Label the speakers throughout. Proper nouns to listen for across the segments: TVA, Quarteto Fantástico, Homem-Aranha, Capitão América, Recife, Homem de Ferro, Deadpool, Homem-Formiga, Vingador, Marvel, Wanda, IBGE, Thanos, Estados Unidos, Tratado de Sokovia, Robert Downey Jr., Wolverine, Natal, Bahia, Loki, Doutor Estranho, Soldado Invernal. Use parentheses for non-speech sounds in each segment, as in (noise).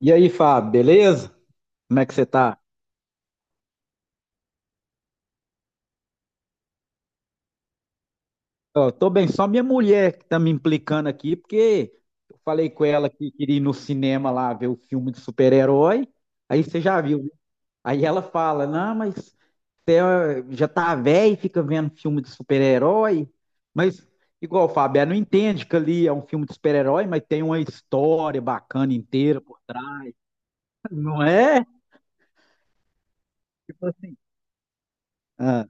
Speaker 1: E aí, Fábio, beleza? Como é que você tá? Ó, tô bem, só minha mulher que tá me implicando aqui, porque eu falei com ela que queria ir no cinema lá ver o filme de super-herói, aí você já viu, né? Aí ela fala, não, mas você ó, já tá velho e fica vendo filme de super-herói, mas igual, Fábio, ela não entende que ali é um filme de super-herói, mas tem uma história bacana inteira por trás, não é? Tipo assim, ah.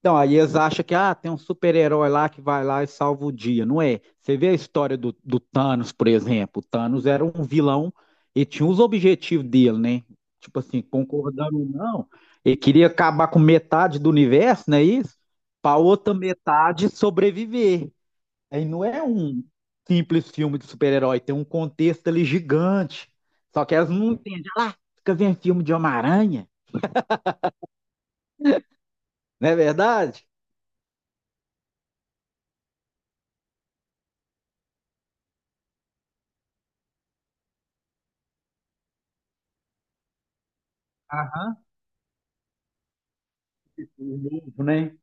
Speaker 1: Então, aí eles acham que tem um super-herói lá que vai lá e salva o dia. Não é. Você vê a história do Thanos, por exemplo. O Thanos era um vilão e tinha os objetivos dele, né? Tipo assim, concordando ou não, ele queria acabar com metade do universo, não é isso? Para outra metade sobreviver. Aí não é um simples filme de super-herói, tem um contexto ali gigante. Só que elas não entendem. Fica vendo filme de Homem-Aranha, não é verdade? Aham. O novo, né?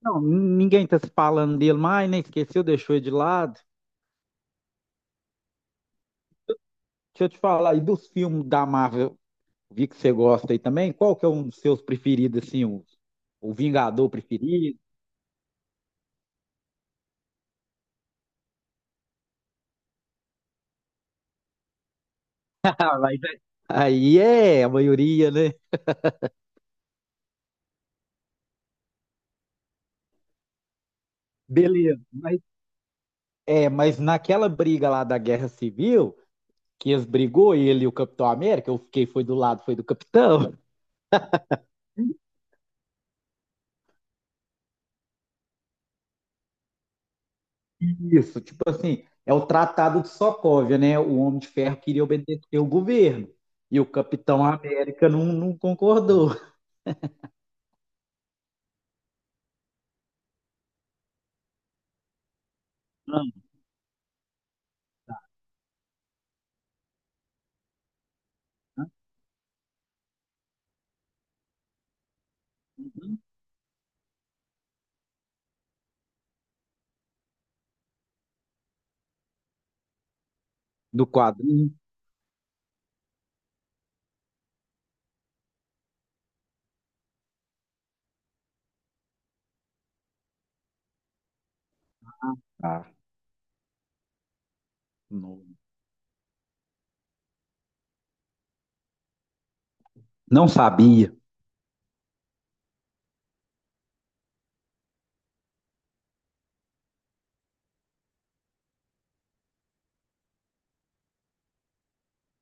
Speaker 1: Não, ninguém tá se falando dele mais, nem esqueceu, deixou ele de lado. Deixa eu te falar, e dos filmes da Marvel, vi que você gosta aí também, qual que é um dos seus preferidos, assim, o Vingador preferido? Ah, mas aí é a maioria, né? Beleza, mas naquela briga lá da Guerra Civil, que eles brigou, ele e o Capitão América, eu fiquei, foi do lado, foi do Capitão. Isso, tipo assim, é o Tratado de Sokovia, né? O Homem de Ferro queria obedecer o governo. E o Capitão América não, não concordou. Aham, uhum. Do quadrinho. Ah, não, não sabia.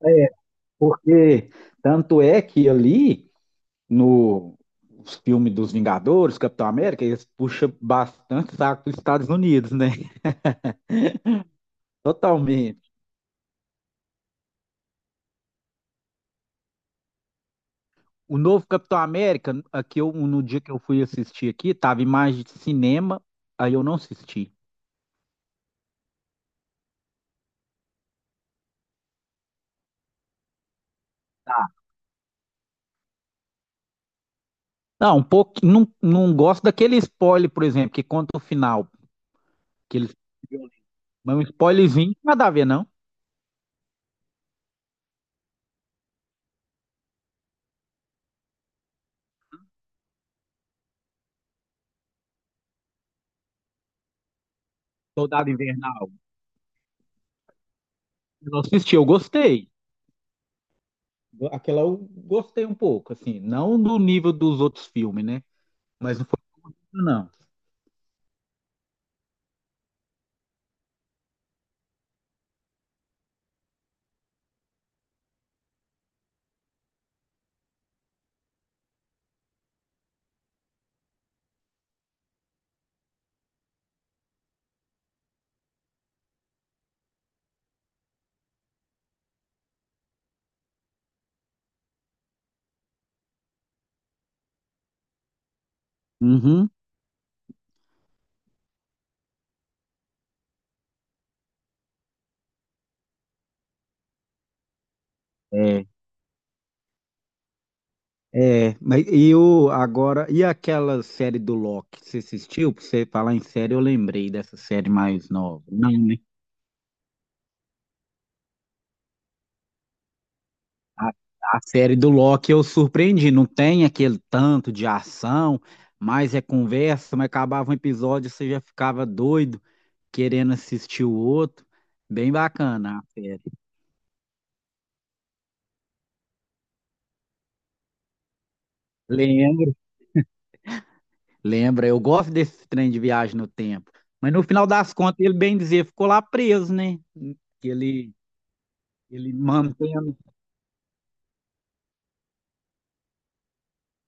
Speaker 1: É, porque tanto é que ali no os filmes dos Vingadores, Capitão América, eles puxam bastante saco dos Estados Unidos, né? Totalmente. O novo Capitão América, aqui eu, no dia que eu fui assistir aqui, tava em mais de cinema, aí eu não assisti. Tá. Não, um pouco, não, não gosto daquele spoiler, por exemplo, que conta o final, que eles mas um spoilerzinho, nada a ver, não. Soldado Invernal. Eu não assisti, eu gostei. Aquela eu gostei um pouco, assim, não do nível dos outros filmes, né? Mas não foi isso, não. Uhum. É. É, mas e o agora e aquela série do Loki, você assistiu? Pra você falar em série, eu lembrei dessa série mais nova. Não, né? A, a série do Loki eu surpreendi, não tem aquele tanto de ação, mas é conversa, mas acabava um episódio, você já ficava doido, querendo assistir o outro. Bem bacana a série. Lembro, lembra, eu gosto desse trem de viagem no tempo. Mas no final das contas, ele bem dizer, ficou lá preso, né? Que ele mantendo.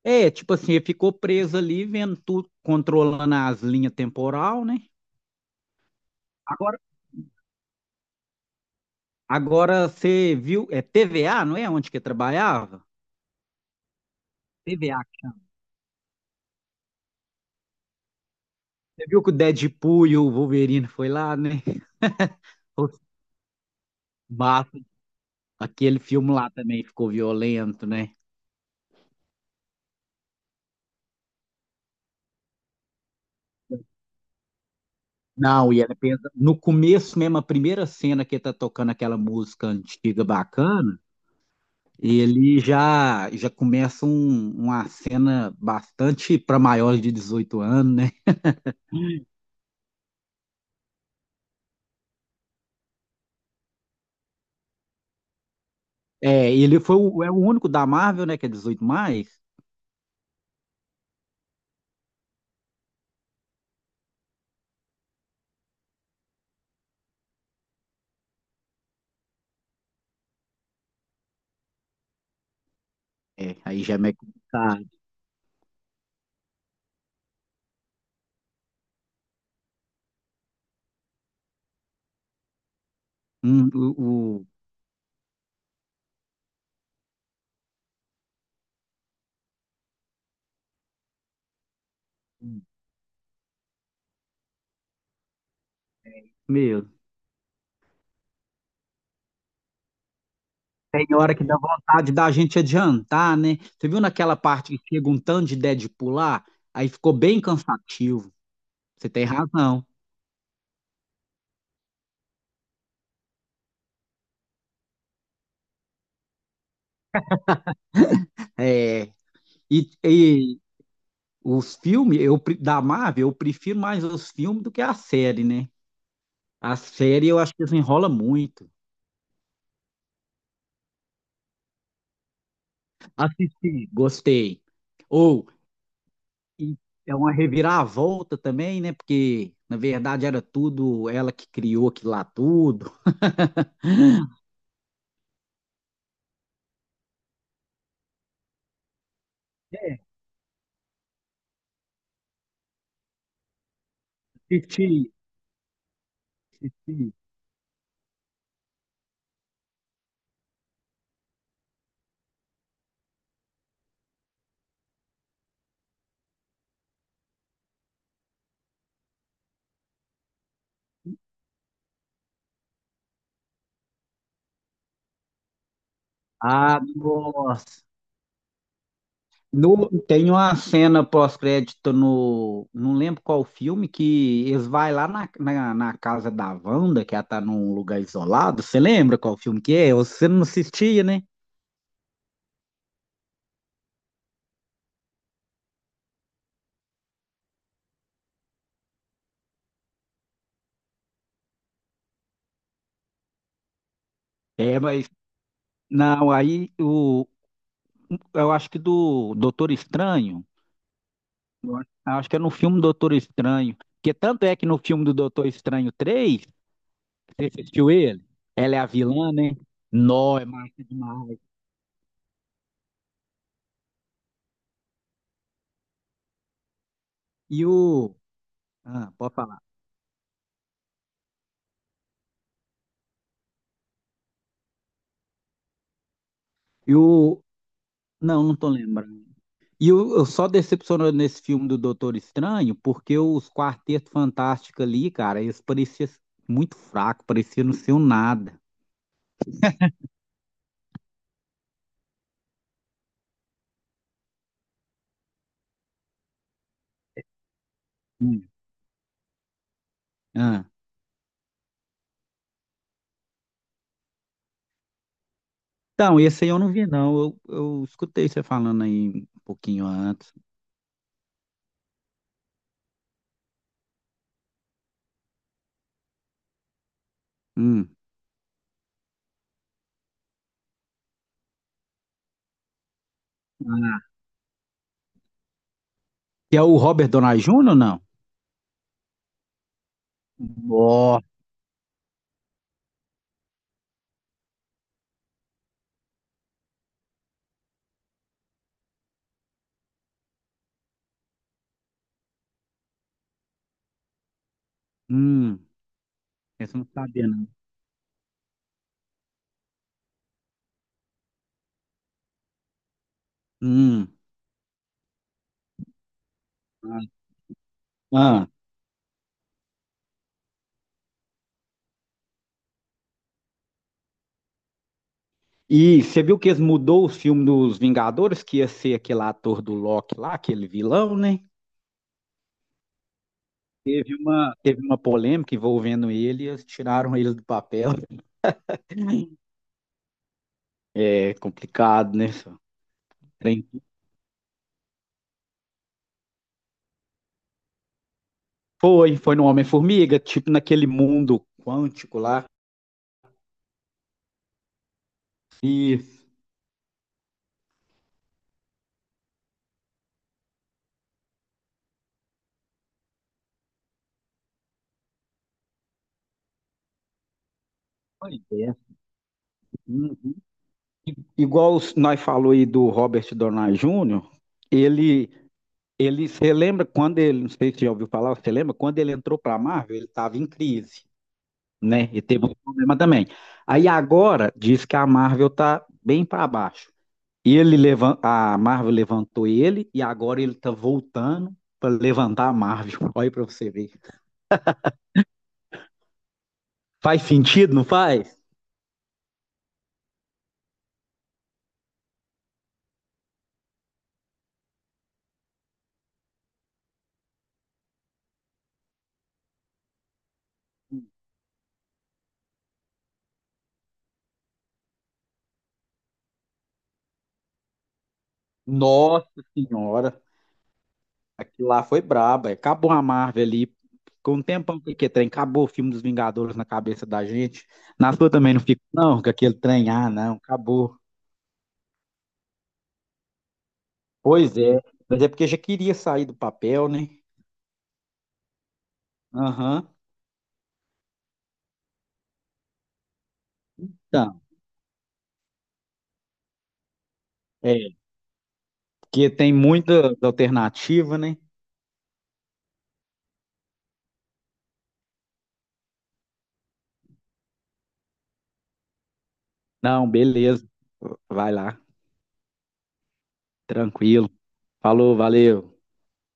Speaker 1: É, tipo assim, ele ficou preso ali, vendo tudo, controlando as linhas temporal, né? Agora você viu, é TVA, não é? Onde que eu trabalhava? TVA. Você viu que o Deadpool e o Wolverine foi lá, né? (laughs) Os Massa. Aquele filme lá também ficou violento, né? Não, e ela pensa, no começo mesmo, a primeira cena que ele tá tocando aquela música antiga bacana, ele já começa uma cena bastante para maiores de 18 anos, né? É, ele é o único da Marvel, né, que é 18+. É, aí já é meio complicado. O, meu, tem hora que dá vontade da gente adiantar, né? Você viu naquela parte que chega um tanto de Deadpool lá? Aí ficou bem cansativo. Você tem razão. É, e os filmes eu, da Marvel, eu prefiro mais os filmes do que a série, né? A série eu acho que desenrola muito. Assisti, gostei. Ou e é uma reviravolta também, né? Porque na verdade era tudo ela que criou aquilo lá tudo. Assisti. Ah, nossa. No, tem uma cena pós-crédito no. Não lembro qual filme, que eles vão lá na, na casa da Wanda, que ela tá num lugar isolado. Você lembra qual filme que é? Você não assistia, né? É, mas. Não, aí o, eu acho que do Doutor Estranho. Eu acho que é no filme Doutor Estranho. Porque tanto é que no filme do Doutor Estranho 3 você assistiu ele? Ela é a vilã, né? Nó, é massa demais. E o. Ah, pode falar. E o. Não, não tô lembrando. E eu só decepcionou nesse filme do Doutor Estranho, porque os Quarteto Fantástico ali, cara, eles pareciam muito fracos, pareciam não ser um nada. Hum. Ah. Então, esse aí eu não vi, não. Eu escutei você falando aí um pouquinho antes. Hum. Ah. Que é o Robert Downey Jr. ou não? Ó. Hum. Esse eu não sabia, não. Hum. Ah. E você viu que eles mudou o filme dos Vingadores, que ia ser aquele ator do Loki lá, aquele vilão, né? Teve uma polêmica envolvendo ele, e eles tiraram ele do papel. (laughs) É complicado, né? só? Trem- foi no Homem-Formiga, tipo naquele mundo quântico lá. E pois é. Uhum. Igual nós falou aí do Robert Downey Jr., ele, você lembra quando ele, não sei se você já ouviu falar, você lembra quando ele entrou para a Marvel, ele estava em crise, né? E teve um problema também. Aí agora diz que a Marvel tá bem para baixo. A Marvel levantou ele e agora ele tá voltando para levantar a Marvel. (laughs) Olha para você ver. Faz sentido, não faz? Nossa senhora, aquilo lá foi braba. Acabou a Marvel ali. Ficou um tempão que aquele trem acabou o filme dos Vingadores na cabeça da gente. Na sua também não fica, não, com aquele trem, ah, não, acabou. Pois é, mas é porque já queria sair do papel, né? Aham. Então, é, porque tem muita alternativa, né? Não, beleza. Vai lá, tranquilo. Falou, valeu.